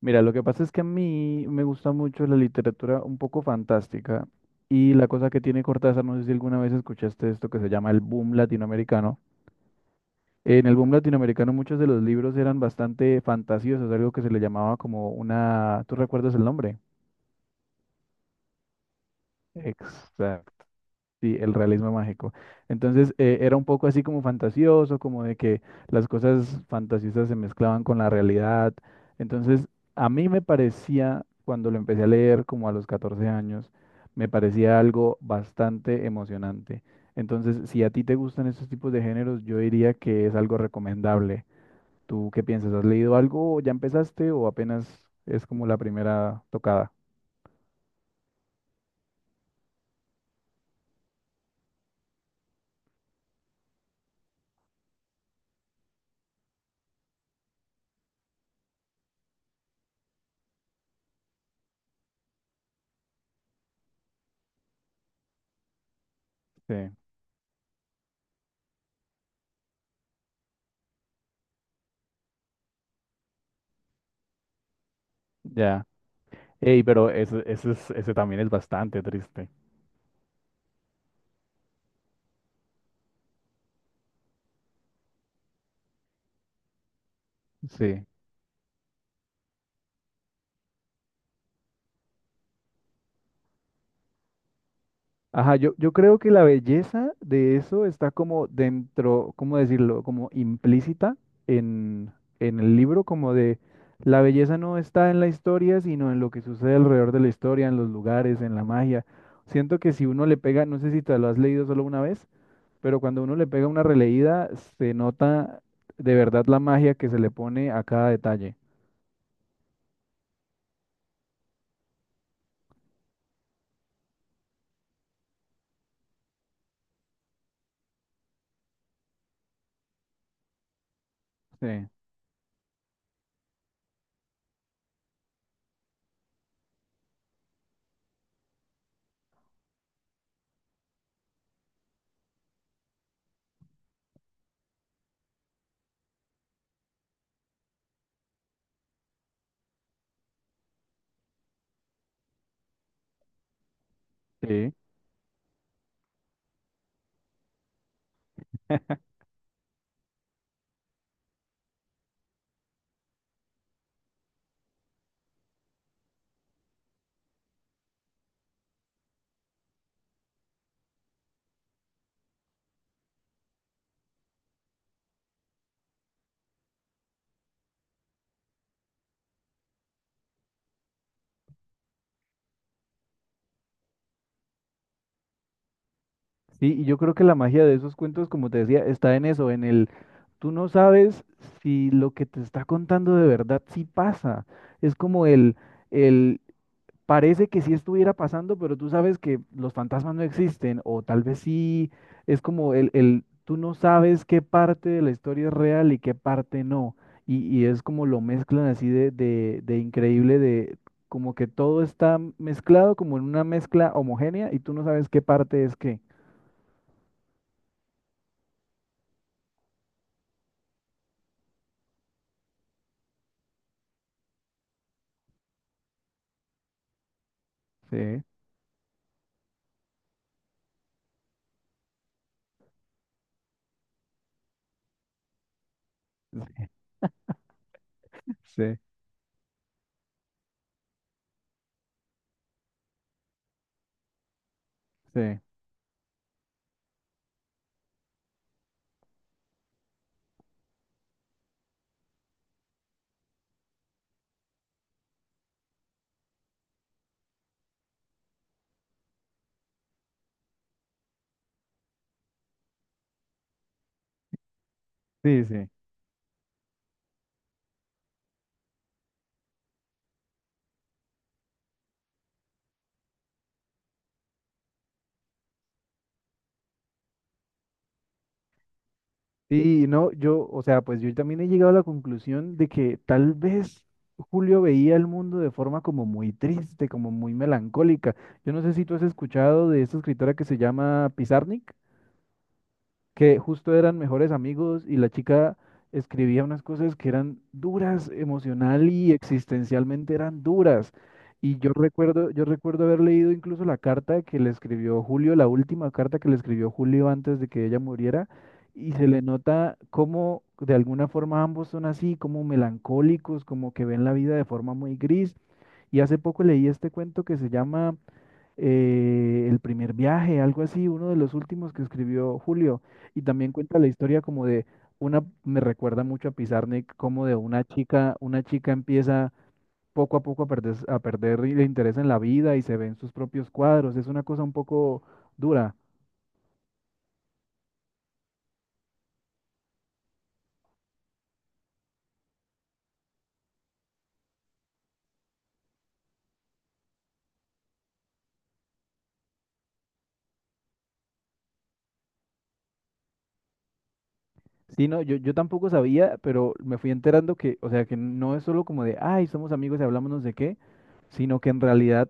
Mira, lo que pasa es que a mí me gusta mucho la literatura un poco fantástica y la cosa que tiene Cortázar, no sé si alguna vez escuchaste esto que se llama el boom latinoamericano. En el boom latinoamericano muchos de los libros eran bastante fantasiosos, algo que se le llamaba como una... ¿Tú recuerdas el nombre? Exacto. Sí, el realismo mágico. Entonces era un poco así como fantasioso, como de que las cosas fantasiosas se mezclaban con la realidad. Entonces a mí me parecía, cuando lo empecé a leer como a los 14 años, me parecía algo bastante emocionante. Entonces, si a ti te gustan estos tipos de géneros, yo diría que es algo recomendable. ¿Tú qué piensas? ¿Has leído algo? ¿Ya empezaste o apenas es como la primera tocada? Sí, ya. Ey, pero eso es- ese también es bastante triste. Sí. Ajá, yo creo que la belleza de eso está como dentro, ¿cómo decirlo? Como implícita en, en el libro, como de la belleza no está en la historia, sino en lo que sucede alrededor de la historia, en los lugares, en la magia. Siento que si uno le pega, no sé si te lo has leído solo una vez, pero cuando uno le pega una releída, se nota de verdad la magia que se le pone a cada detalle. Sí. Sí. Sí, y yo creo que la magia de esos cuentos, como te decía, está en eso, en el. Tú no sabes si lo que te está contando de verdad sí pasa. Es como el, parece que sí estuviera pasando, pero tú sabes que los fantasmas no existen, o tal vez sí, es como tú no sabes qué parte de la historia es real y qué parte no. Y es como lo mezclan así de increíble, de como que todo está mezclado como en una mezcla homogénea y tú no sabes qué parte es qué. Sí, sí, sí, sí, sí. Sí. Sí, no, yo, o sea, pues yo también he llegado a la conclusión de que tal vez Julio veía el mundo de forma como muy triste, como muy melancólica. Yo no sé si tú has escuchado de esta escritora que se llama Pizarnik, que justo eran mejores amigos y la chica escribía unas cosas que eran duras emocional y existencialmente eran duras. Y yo recuerdo haber leído incluso la carta que le escribió Julio, la última carta que le escribió Julio antes de que ella muriera, y se le nota cómo de alguna forma ambos son así, como melancólicos, como que ven la vida de forma muy gris. Y hace poco leí este cuento que se llama El primer viaje, algo así, uno de los últimos que escribió Julio. Y también cuenta la historia como de una, me recuerda mucho a Pizarnik, como de una chica empieza poco a poco a perder el interés en la vida y se ve en sus propios cuadros. Es una cosa un poco dura. Sí, no, yo tampoco sabía, pero me fui enterando que, o sea, que no es solo como de, ay, somos amigos y hablamos no sé qué, sino que en realidad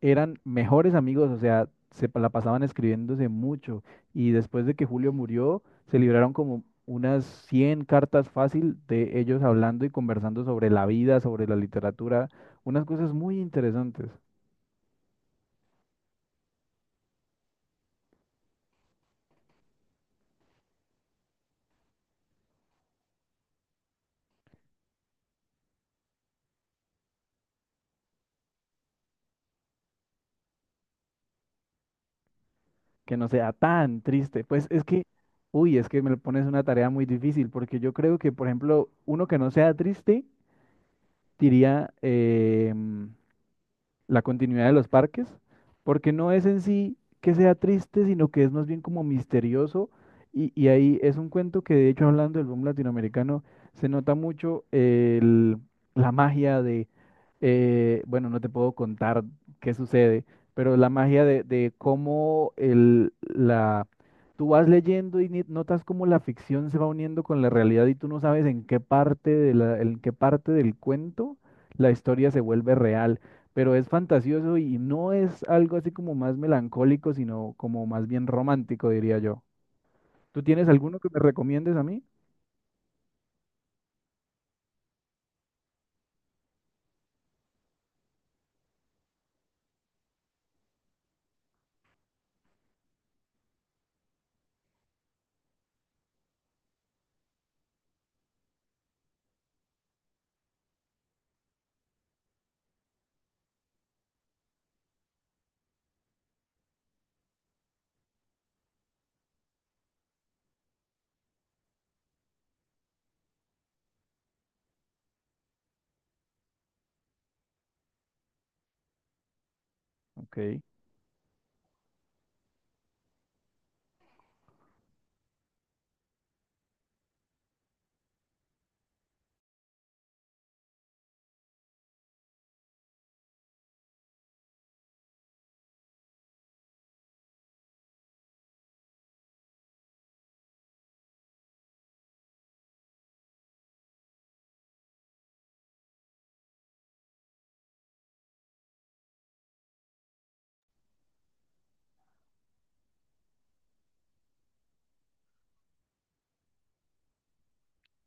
eran mejores amigos, o sea, se pa- la pasaban escribiéndose mucho y después de que Julio murió, se libraron como unas 100 cartas fácil de ellos hablando y conversando sobre la vida, sobre la literatura, unas cosas muy interesantes, que no sea tan triste. Pues es que, uy, es que me lo pones una tarea muy difícil, porque yo creo que, por ejemplo, uno que no sea triste diría, la continuidad de los parques, porque no es en sí que sea triste, sino que es más bien como misterioso. Y ahí es un cuento que, de hecho, hablando del boom latinoamericano, se nota mucho el- la magia de, bueno, no te puedo contar qué sucede, pero la magia de cómo tú vas leyendo y ni- notas cómo la ficción se va uniendo con la realidad y tú no sabes en qué parte de la, en qué parte del cuento la historia se vuelve real pero es fantasioso y no es algo así como más melancólico, sino como más bien romántico, diría yo. ¿Tú tienes alguno que me recomiendes a mí? Ok.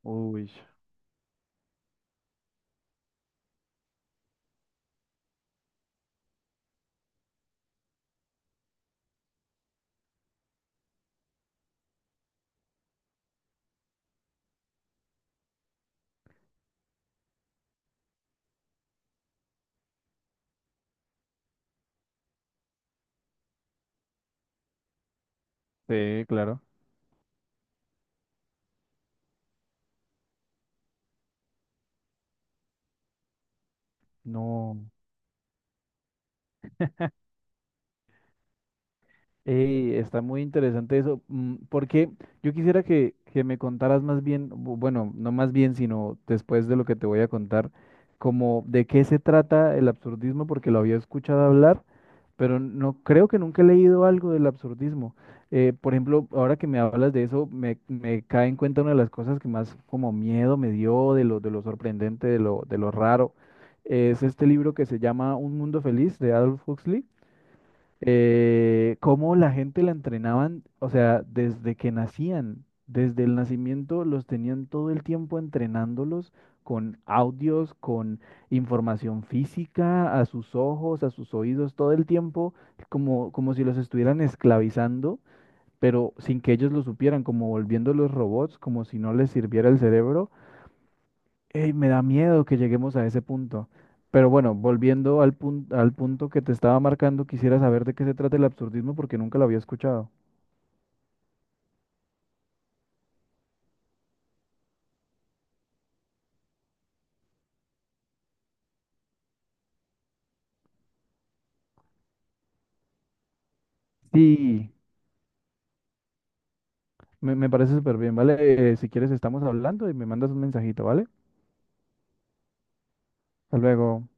Uy, sí, claro. No. Ey, está muy interesante eso, mm, porque yo quisiera que me contaras más bien, bu- bueno, no más bien, sino después de lo que te voy a contar, como de qué se trata el absurdismo, porque lo había escuchado hablar, pero no creo que nunca he leído algo del absurdismo. Por ejemplo, ahora que me hablas de eso, me cae en cuenta una de las cosas que más como miedo me dio de lo sorprendente, de lo raro, es este libro que se llama Un Mundo Feliz de Adolf Huxley. Cómo la gente la entrenaban, o sea, desde que nacían, desde el nacimiento los tenían todo el tiempo entrenándolos con audios, con información física, a sus ojos, a sus oídos, todo el tiempo, como, como si los estuvieran esclavizando, pero sin que ellos lo supieran, como volviéndolos robots, como si no les sirviera el cerebro. Ey, me da miedo que lleguemos a ese punto. Pero bueno, volviendo al punto que te estaba marcando, quisiera saber de qué se trata el absurdismo porque nunca lo había escuchado. Sí, me parece súper bien, ¿vale? Si quieres, estamos hablando y me mandas un mensajito, ¿vale? Hasta luego.